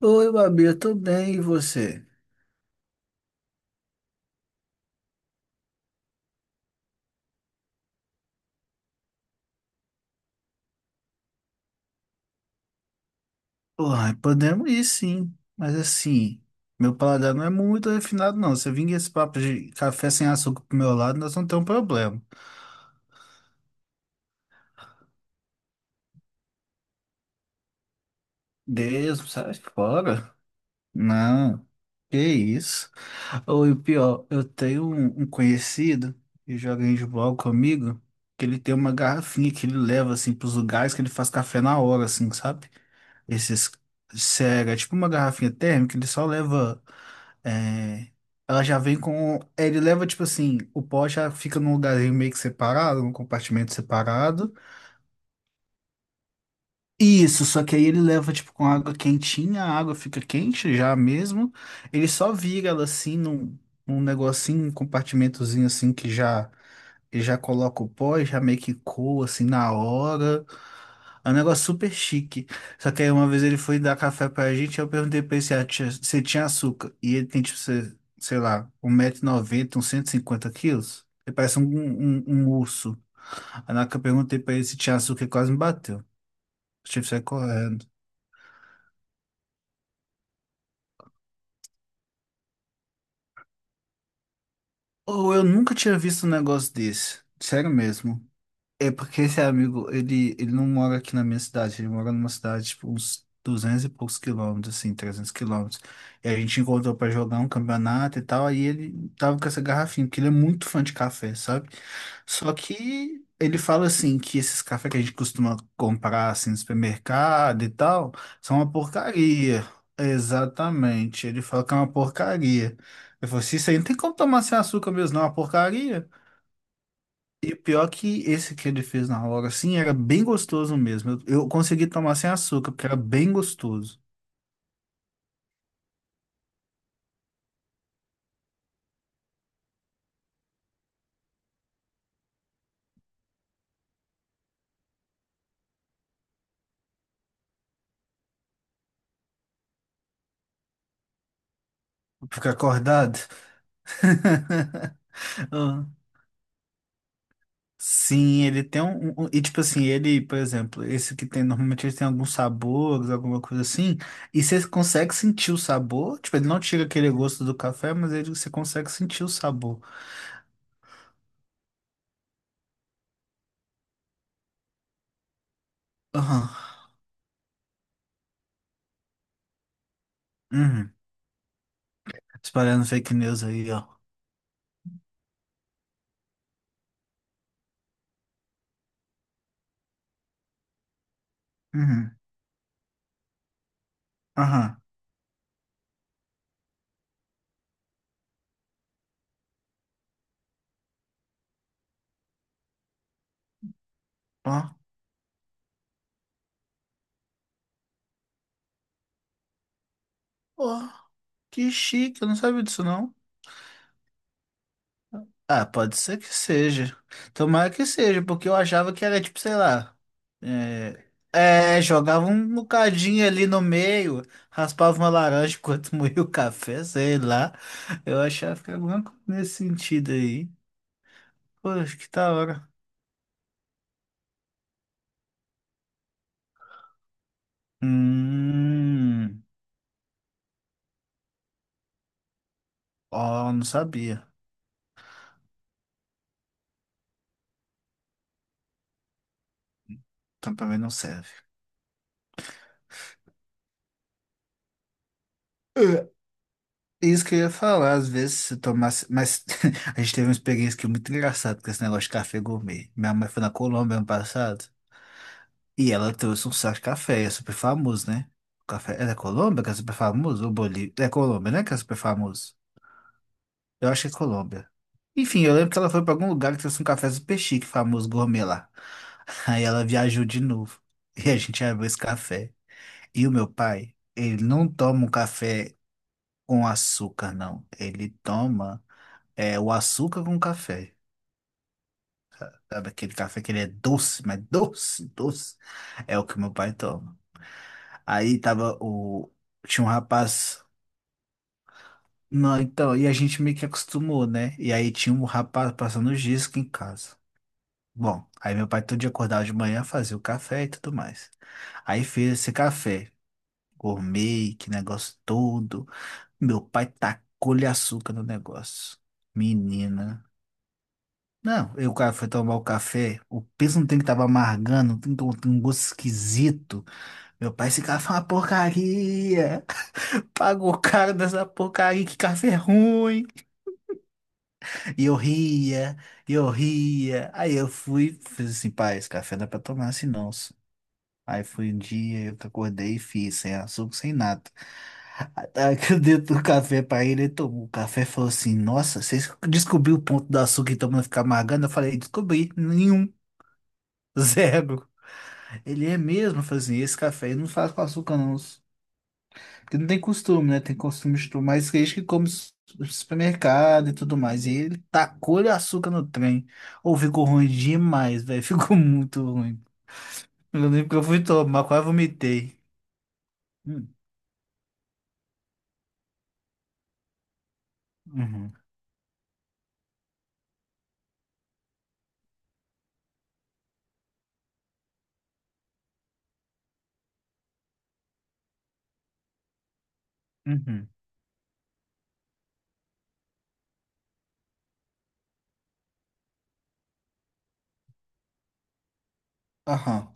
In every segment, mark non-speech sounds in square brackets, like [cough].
Oi, Babi, eu tô bem, e você? Uai, podemos ir sim, mas assim, meu paladar não é muito refinado, não. Se eu vim com esse papo de café sem açúcar pro meu lado, nós não temos problema. Deus, sai fora? Não, que isso. Ou e o pior, eu tenho um conhecido que joga handball comigo, que ele tem uma garrafinha que ele leva, assim, pros lugares que ele faz café na hora, assim, sabe? Esses, sério, é tipo uma garrafinha térmica, ele só leva. É, ela já vem com. Ele leva, tipo assim, o pó já fica num lugarzinho meio que separado, num compartimento separado. Isso, só que aí ele leva, tipo, com água quentinha, a água fica quente já mesmo. Ele só vira ela assim num negocinho, um compartimentozinho assim que já ele já coloca o pó e já meio que coa assim na hora. É um negócio super chique. Só que aí uma vez ele foi dar café pra gente, eu perguntei pra ele se tinha açúcar. E ele tem, tipo, sei lá, um 1,90 m, uns 150 quilos. Ele parece um urso. Aí na hora que eu perguntei pra ele se tinha açúcar, ele quase me bateu. Eu tive que sair correndo. Ou eu nunca tinha visto um negócio desse. Sério mesmo. É porque esse amigo, ele não mora aqui na minha cidade, ele mora numa cidade, tipo, uns 200 e poucos quilômetros, assim, 300 quilômetros. E a gente encontrou pra jogar um campeonato e tal, aí ele tava com essa garrafinha, porque ele é muito fã de café, sabe? Só que ele fala, assim, que esses cafés que a gente costuma comprar, assim, no supermercado e tal, são uma porcaria. Exatamente, ele fala que é uma porcaria. Eu falo assim, isso aí não tem como tomar sem açúcar mesmo, não, é uma porcaria. E o pior que esse que ele fez na hora, assim, era bem gostoso mesmo. Eu consegui tomar sem açúcar, porque era bem gostoso. Ficar acordado. [laughs] Ah, sim, ele tem um, e tipo assim, ele, por exemplo, esse que tem, normalmente ele tem alguns sabores, alguma coisa assim. E você consegue sentir o sabor. Tipo, ele não tira aquele gosto do café, mas ele, você consegue sentir o sabor. Aham. Uhum. Espalhando fake news aí, ó. Uhum. Aham. Ó. Ó. Que chique, eu não sabia disso, não. Ah, pode ser que seja. Tomara que seja, porque eu achava que era tipo, sei lá. É, é, jogava um bocadinho ali no meio, raspava uma laranja enquanto [laughs] moía o café, sei lá. Eu achava que era alguma coisa nesse sentido aí. Poxa, que da hora. Hum. Ó, não sabia. Então pra mim não serve. É, isso que eu ia falar, às vezes se tomasse. Mas [laughs] a gente teve uma experiência que é muito engraçada com esse negócio de café gourmet. Minha mãe foi na Colômbia ano passado. E ela trouxe um saco de café, é super famoso, né? O café é da Colômbia que é super famoso? Ou Bolívia? É Colômbia, né? Que é super famoso. Eu acho que é Colômbia. Enfim, eu lembro que ela foi pra algum lugar que trouxe um café super chique, famoso gourmet lá. [laughs] Aí ela viajou de novo. E a gente abriu esse café. E o meu pai, ele não toma um café com açúcar, não. Ele toma é, o açúcar com café. Sabe aquele café que ele é doce, mas doce, doce. É o que meu pai toma. Aí tava o. Tinha um rapaz. Não, então, e a gente meio que acostumou, né? E aí tinha um rapaz passando os dias em casa. Bom, aí meu pai todo dia acordava de manhã, fazia o café e tudo mais. Aí fez esse café, gourmet, que negócio todo. Meu pai tacou-lhe açúcar no negócio. Menina. Não, eu, o cara foi tomar o café, o peso não tem que tava amargando, tem um gosto esquisito. Meu pai, esse café é uma porcaria. Pagou caro dessa porcaria, que café ruim. E eu ria, e eu ria. Aí eu fui, fiz assim, pai, esse café não é pra tomar assim não. só." Aí foi um dia, eu acordei e fiz, sem açúcar, sem nada. Aí que eu dei o café pra ele, ele tomou o café e falou assim, nossa, você descobriu o ponto do açúcar então não ficar amargando? Eu falei, descobri, nenhum, [laughs] zero. Ele é mesmo, eu falei assim, esse café eu não faz com açúcar não. Porque não tem costume, né? Tem costume de tomar esse queijo que come supermercado e tudo mais. E ele tacou-lhe açúcar no trem. Ou ficou ruim demais, velho. [laughs] Ficou muito ruim. Eu lembro que eu fui tomar, quase vomitei. Hum, Uhum. Uhum. Aham.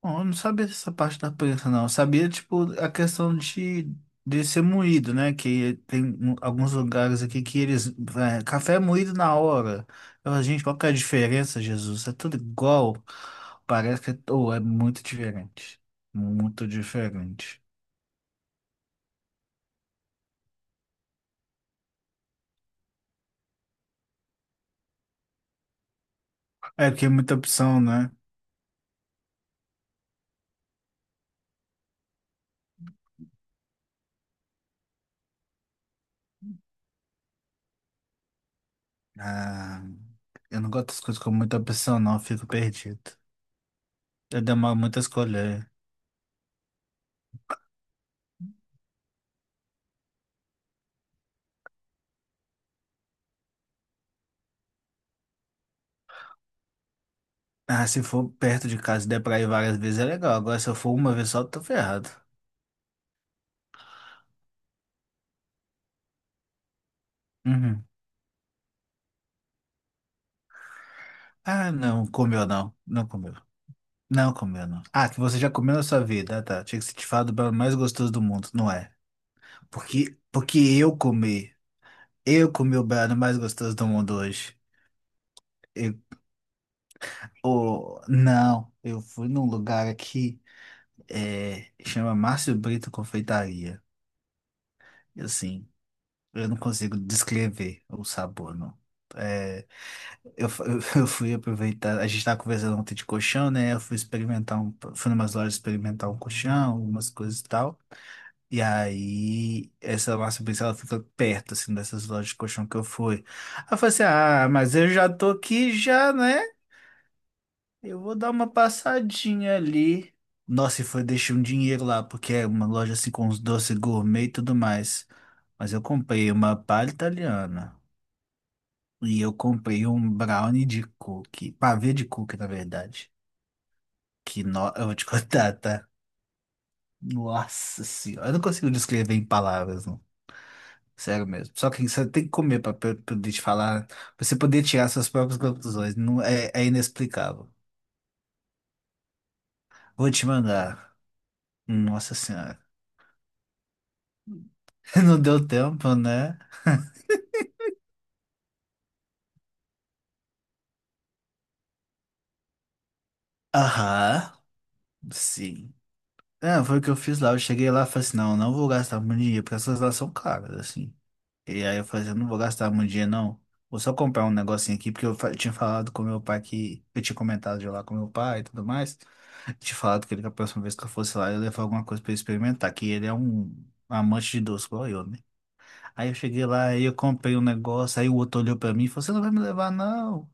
Bom, eu não sabia dessa parte da prensa, não. Eu sabia, tipo, a questão de, ser moído, né? Que tem alguns lugares aqui que eles. É, café é moído na hora. Eu, falo, gente, qual que é a diferença, Jesus? É tudo igual. Parece que é, ou é muito diferente. Muito diferente. É porque é muita opção, né? Ah, eu não gosto das coisas com muita opção, não. Eu fico perdido. Eu demoro muito a escolher. Ah, se for perto de casa e der pra ir várias vezes é legal. Agora, se eu for uma vez só, tô ferrado. Uhum. Ah, não, comeu não. Não comeu. Não comeu não. Ah, que você já comeu na sua vida. Ah, tá. Tinha que ser te falar do baiano mais gostoso do mundo, não é? Porque eu comi. Eu comi o baiano mais gostoso do mundo hoje. Eu, oh, não, eu fui num lugar aqui, é, chama Márcio Brito Confeitaria. E assim, eu não consigo descrever o sabor, não. É, Eu, fu- [laughs] eu fui aproveitar, a gente estava conversando ontem de colchão, né? Eu fui experimentar um, fui numas lojas experimentar um colchão, umas coisas e tal. E aí, essa Márcia Pizza, ela fica perto, assim, dessas lojas de colchão que eu fui. Aí eu falei assim, ah, mas eu já tô aqui já, né? Eu vou dar uma passadinha ali. Nossa, e foi, deixei um dinheiro lá, porque é uma loja, assim, com uns doces gourmet e tudo mais. Mas eu comprei uma palha italiana. E eu comprei um brownie de cookie, pavê de cookie, na verdade. Que no... eu vou te [laughs] contar, tá? Nossa senhora, eu não consigo descrever em palavras, não. Sério mesmo. Só que você tem que comer pra poder te falar, pra você poder tirar suas próprias conclusões. Não é, é inexplicável. Vou te mandar. Nossa senhora. [laughs] Não deu tempo, né? Aham, sim. É, foi o que eu fiz lá. Eu cheguei lá e falei assim, não, eu não vou gastar muito dinheiro, porque essas lá são caras, assim. E aí eu falei assim, eu não vou gastar muito dinheiro, não. Vou só comprar um negocinho aqui, porque eu tinha falado com meu pai que... Eu tinha comentado de ir lá com meu pai e tudo mais. Tinha falado que ele, que a próxima vez que eu fosse lá, eu ia levar alguma coisa pra ele experimentar, que ele é um amante de doce, igual eu, né? Aí eu cheguei lá, aí eu comprei um negócio, aí o outro olhou pra mim e falou, você não vai me levar, não?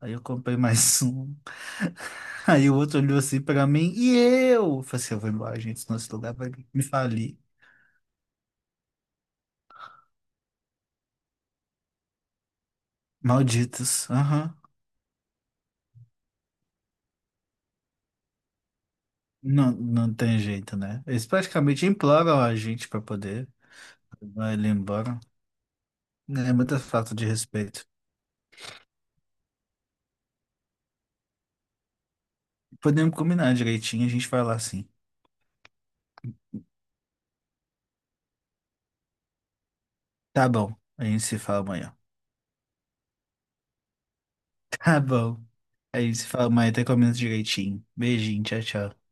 Aí eu comprei mais um. [laughs] Aí o outro olhou assim pra mim, e eu? Eu falei assim, eu vou embora, gente, senão esse lugar vai me falir. Malditos. Aham. Não, não tem jeito, né? Eles praticamente imploram a gente para poder levar ele embora. Né? É muita falta de respeito. Podemos combinar direitinho, a gente vai lá sim. Tá bom, a gente se fala amanhã. [laughs] Tá bom, a gente se fala amanhã, até combina direitinho. Beijinho, tchau, tchau.